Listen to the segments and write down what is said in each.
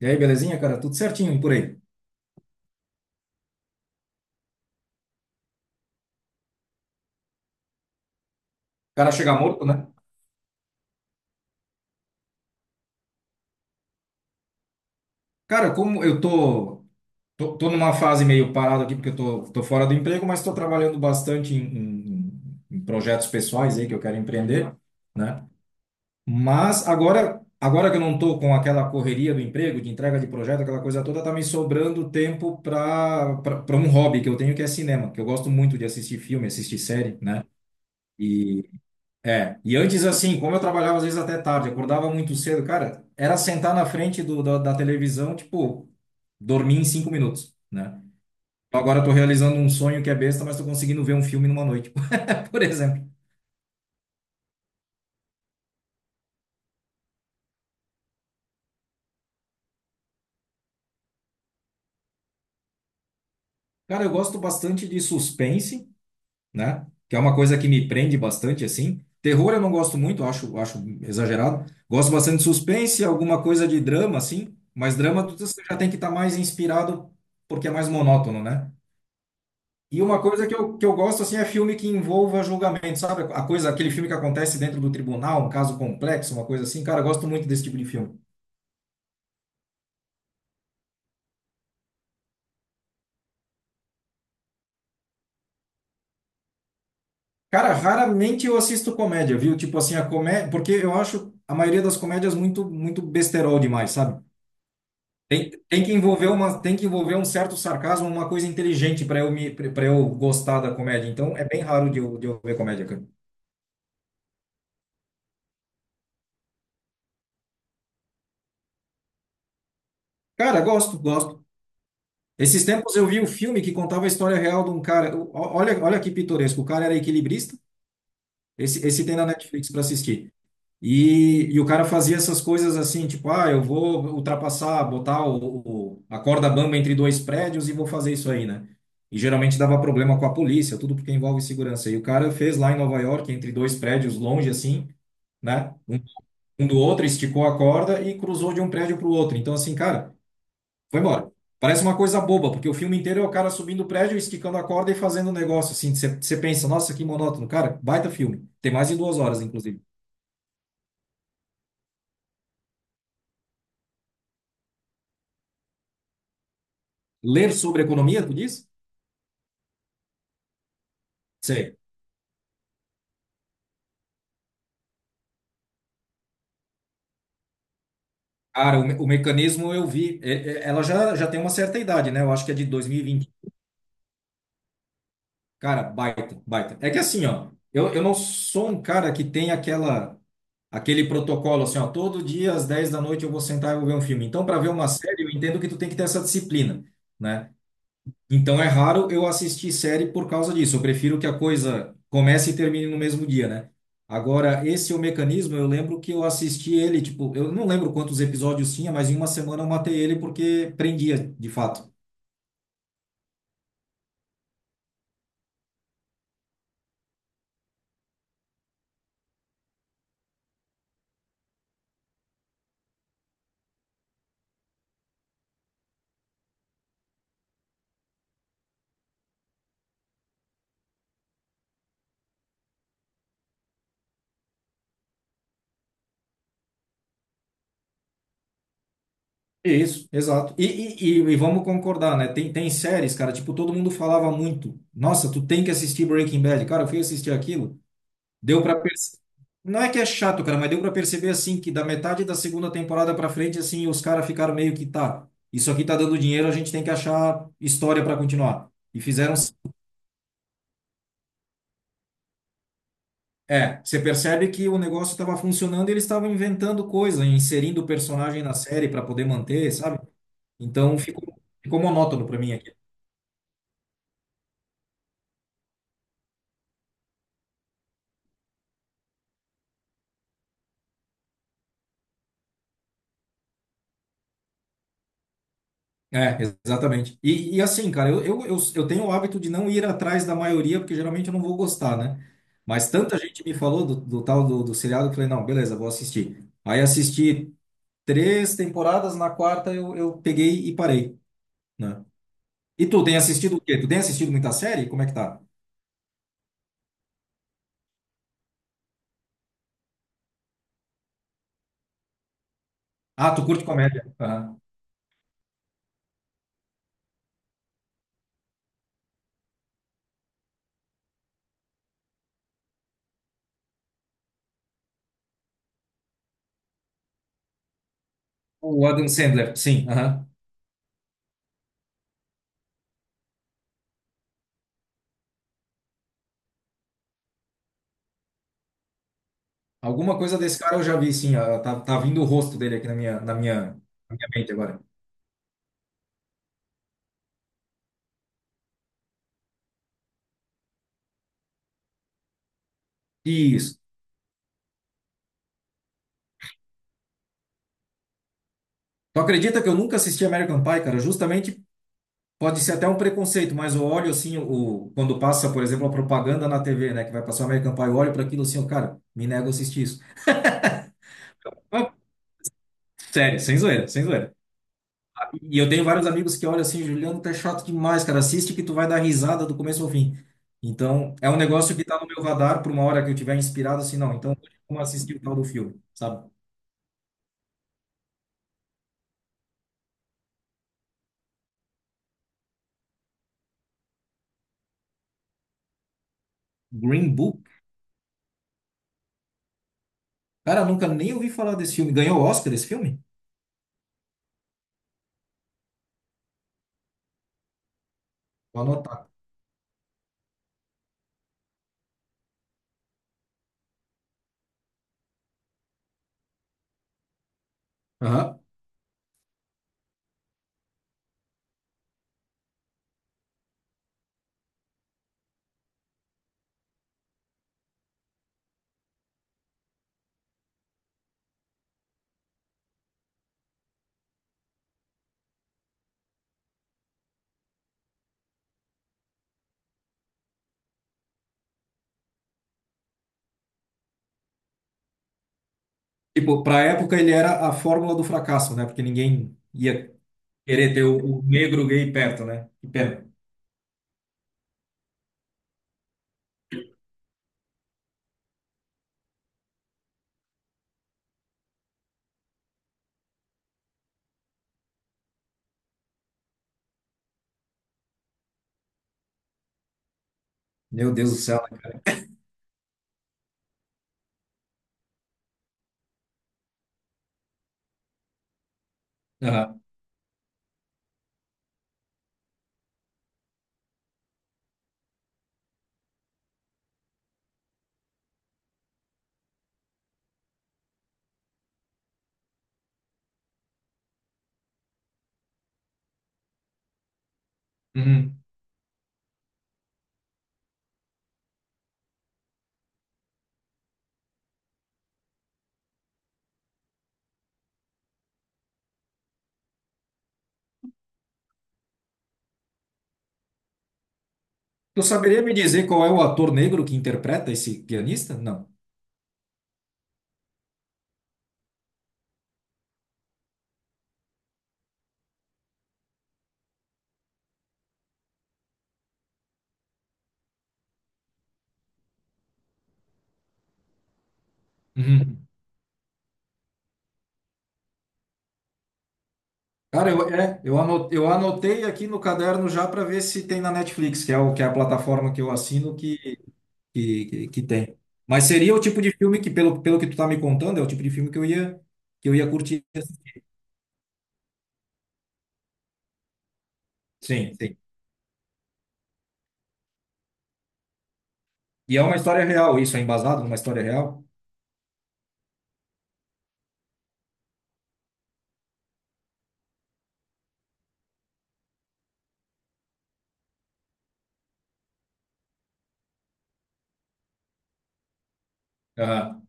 E aí, belezinha, cara? Tudo certinho e por aí. O cara chega morto, né? Cara, como eu tô, tô numa fase meio parada aqui, porque eu tô fora do emprego, mas tô trabalhando bastante em projetos pessoais aí que eu quero empreender, né? Mas agora que eu não tô com aquela correria do emprego, de entrega de projeto, aquela coisa toda, tá me sobrando tempo para um hobby que eu tenho, que é cinema, que eu gosto muito de assistir filme, assistir série, né? É, e antes assim, como eu trabalhava às vezes até tarde, acordava muito cedo, cara, era sentar na frente da televisão, tipo, dormir em 5 minutos, né? Agora eu tô realizando um sonho que é besta, mas tô conseguindo ver um filme numa noite, por exemplo. Cara, eu gosto bastante de suspense, né? Que é uma coisa que me prende bastante, assim. Terror eu não gosto muito, acho exagerado. Gosto bastante de suspense, alguma coisa de drama, assim, mas drama você já tem que estar mais inspirado porque é mais monótono, né? E uma coisa que eu gosto assim é filme que envolva julgamento, sabe? A coisa, aquele filme que acontece dentro do tribunal, um caso complexo, uma coisa assim. Cara, eu gosto muito desse tipo de filme. Cara, raramente eu assisto comédia, viu? Tipo assim, a comédia, porque eu acho a maioria das comédias muito muito besterol demais, sabe? Tem que envolver um certo sarcasmo, uma coisa inteligente para eu me para eu gostar da comédia. Então, é bem raro de eu ver comédia, cara. Cara, gosto, gosto. Esses tempos eu vi um filme que contava a história real de um cara. Olha, que pitoresco. O cara era equilibrista. Esse tem na Netflix para assistir. E o cara fazia essas coisas assim, tipo, ah, eu vou ultrapassar, botar a corda bamba entre dois prédios e vou fazer isso aí, né? E geralmente dava problema com a polícia, tudo porque envolve segurança. E o cara fez lá em Nova York, entre dois prédios longe assim, né? Um do outro, esticou a corda e cruzou de um prédio para o outro. Então, assim, cara. Foi embora. Parece uma coisa boba, porque o filme inteiro é o cara subindo o prédio, esticando a corda e fazendo um negócio assim. Você pensa, nossa, que monótono. Cara, baita filme. Tem mais de 2 horas, inclusive. Ler sobre economia, tu diz? Sei. Cara, o mecanismo eu vi. Ela já, já tem uma certa idade, né? Eu acho que é de 2020. Cara, baita, baita. É que assim, ó, eu não sou um cara que tem aquele protocolo assim, ó, todo dia às 10 da noite eu vou sentar e vou ver um filme. Então, para ver uma série, eu entendo que tu tem que ter essa disciplina, né? Então é raro eu assistir série por causa disso. Eu prefiro que a coisa comece e termine no mesmo dia, né? Agora, esse é o mecanismo, eu lembro que eu assisti ele, tipo, eu não lembro quantos episódios tinha, mas em uma semana eu matei ele porque prendia, de fato. Isso, exato. E vamos concordar, né? Tem séries, cara, tipo, todo mundo falava muito. Nossa, tu tem que assistir Breaking Bad. Cara, eu fui assistir aquilo. Deu para perceber. Não é que é chato, cara, mas deu para perceber assim que da metade da segunda temporada para frente assim os caras ficaram meio que tá. Isso aqui tá dando dinheiro, a gente tem que achar história para continuar. E fizeram é, você percebe que o negócio estava funcionando e eles estavam inventando coisa, inserindo personagem na série para poder manter, sabe? Então ficou monótono para mim aqui. É, exatamente. E assim, cara, eu tenho o hábito de não ir atrás da maioria, porque geralmente eu não vou gostar, né? Mas tanta gente me falou do tal do seriado que eu falei, não, beleza, vou assistir. Aí assisti três temporadas, na quarta eu peguei e parei, né? E tu, tem assistido o quê? Tu tem assistido muita série? Como é que tá? Ah, tu curte comédia. Aham. O Adam Sandler, sim. Aham. Alguma coisa desse cara eu já vi, sim. Tá vindo o rosto dele aqui na minha mente agora. Isso. Tu acredita que eu nunca assisti American Pie, cara? Justamente pode ser até um preconceito, mas eu olho assim, o, quando passa, por exemplo, a propaganda na TV, né? Que vai passar American Pie, eu olho para aquilo assim, eu, cara, me nego a assistir isso. Ah, sério, sem zoeira, sem zoeira. E eu tenho vários amigos que olham assim, Juliano, tá chato demais, cara. Assiste que tu vai dar risada do começo ao fim. Então, é um negócio que tá no meu radar por uma hora que eu tiver inspirado, assim, não. Então, vamos assistir o tal do filme, sabe? Green Book? Cara, nunca nem ouvi falar desse filme. Ganhou Oscar esse filme? Vou anotar. Aham. Tipo, pra época ele era a fórmula do fracasso, né? Porque ninguém ia querer ter o negro gay perto, né? Que pena. Meu Deus do céu, né? Aham. Uhum. Tu saberia me dizer qual é o ator negro que interpreta esse pianista? Não. Uhum. Cara, eu anotei aqui no caderno já para ver se tem na Netflix, que é a plataforma que eu assino que tem. Mas seria o tipo de filme que, pelo que tu tá me contando, é o tipo de filme que eu ia curtir. Sim, sim. E é uma história real, isso é embasado numa história real? Ah,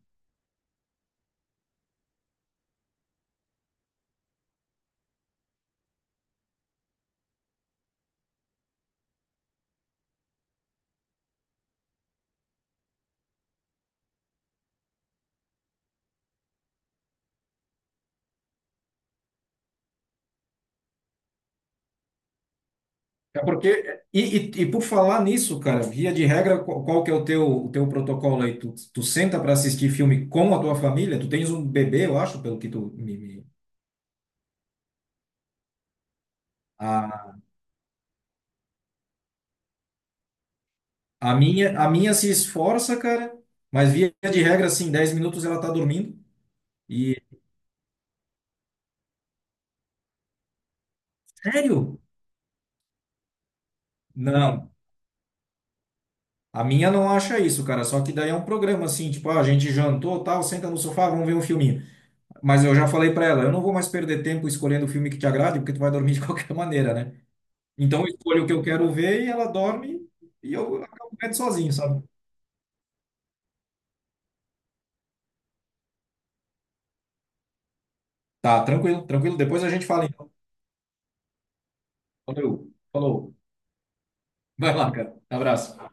é porque e por falar nisso, cara, via de regra, qual que é o teu, protocolo aí? Tu senta para assistir filme com a tua família? Tu tens um bebê, eu acho, pelo que tu me. A, a minha a minha se esforça, cara, mas via de regra assim, 10 minutos ela tá dormindo. E sério? Não. A minha não acha isso, cara. Só que daí é um programa assim, tipo, ah, a gente jantou, tal, senta no sofá, vamos ver um filminho. Mas eu já falei para ela, eu não vou mais perder tempo escolhendo o filme que te agrade, porque tu vai dormir de qualquer maneira, né? Então eu escolho o que eu quero ver e ela dorme e eu acabo vendo sozinho, sabe? Tá, tranquilo, tranquilo. Depois a gente fala então. Valeu. Falou. Vai lá, cara. Abraço.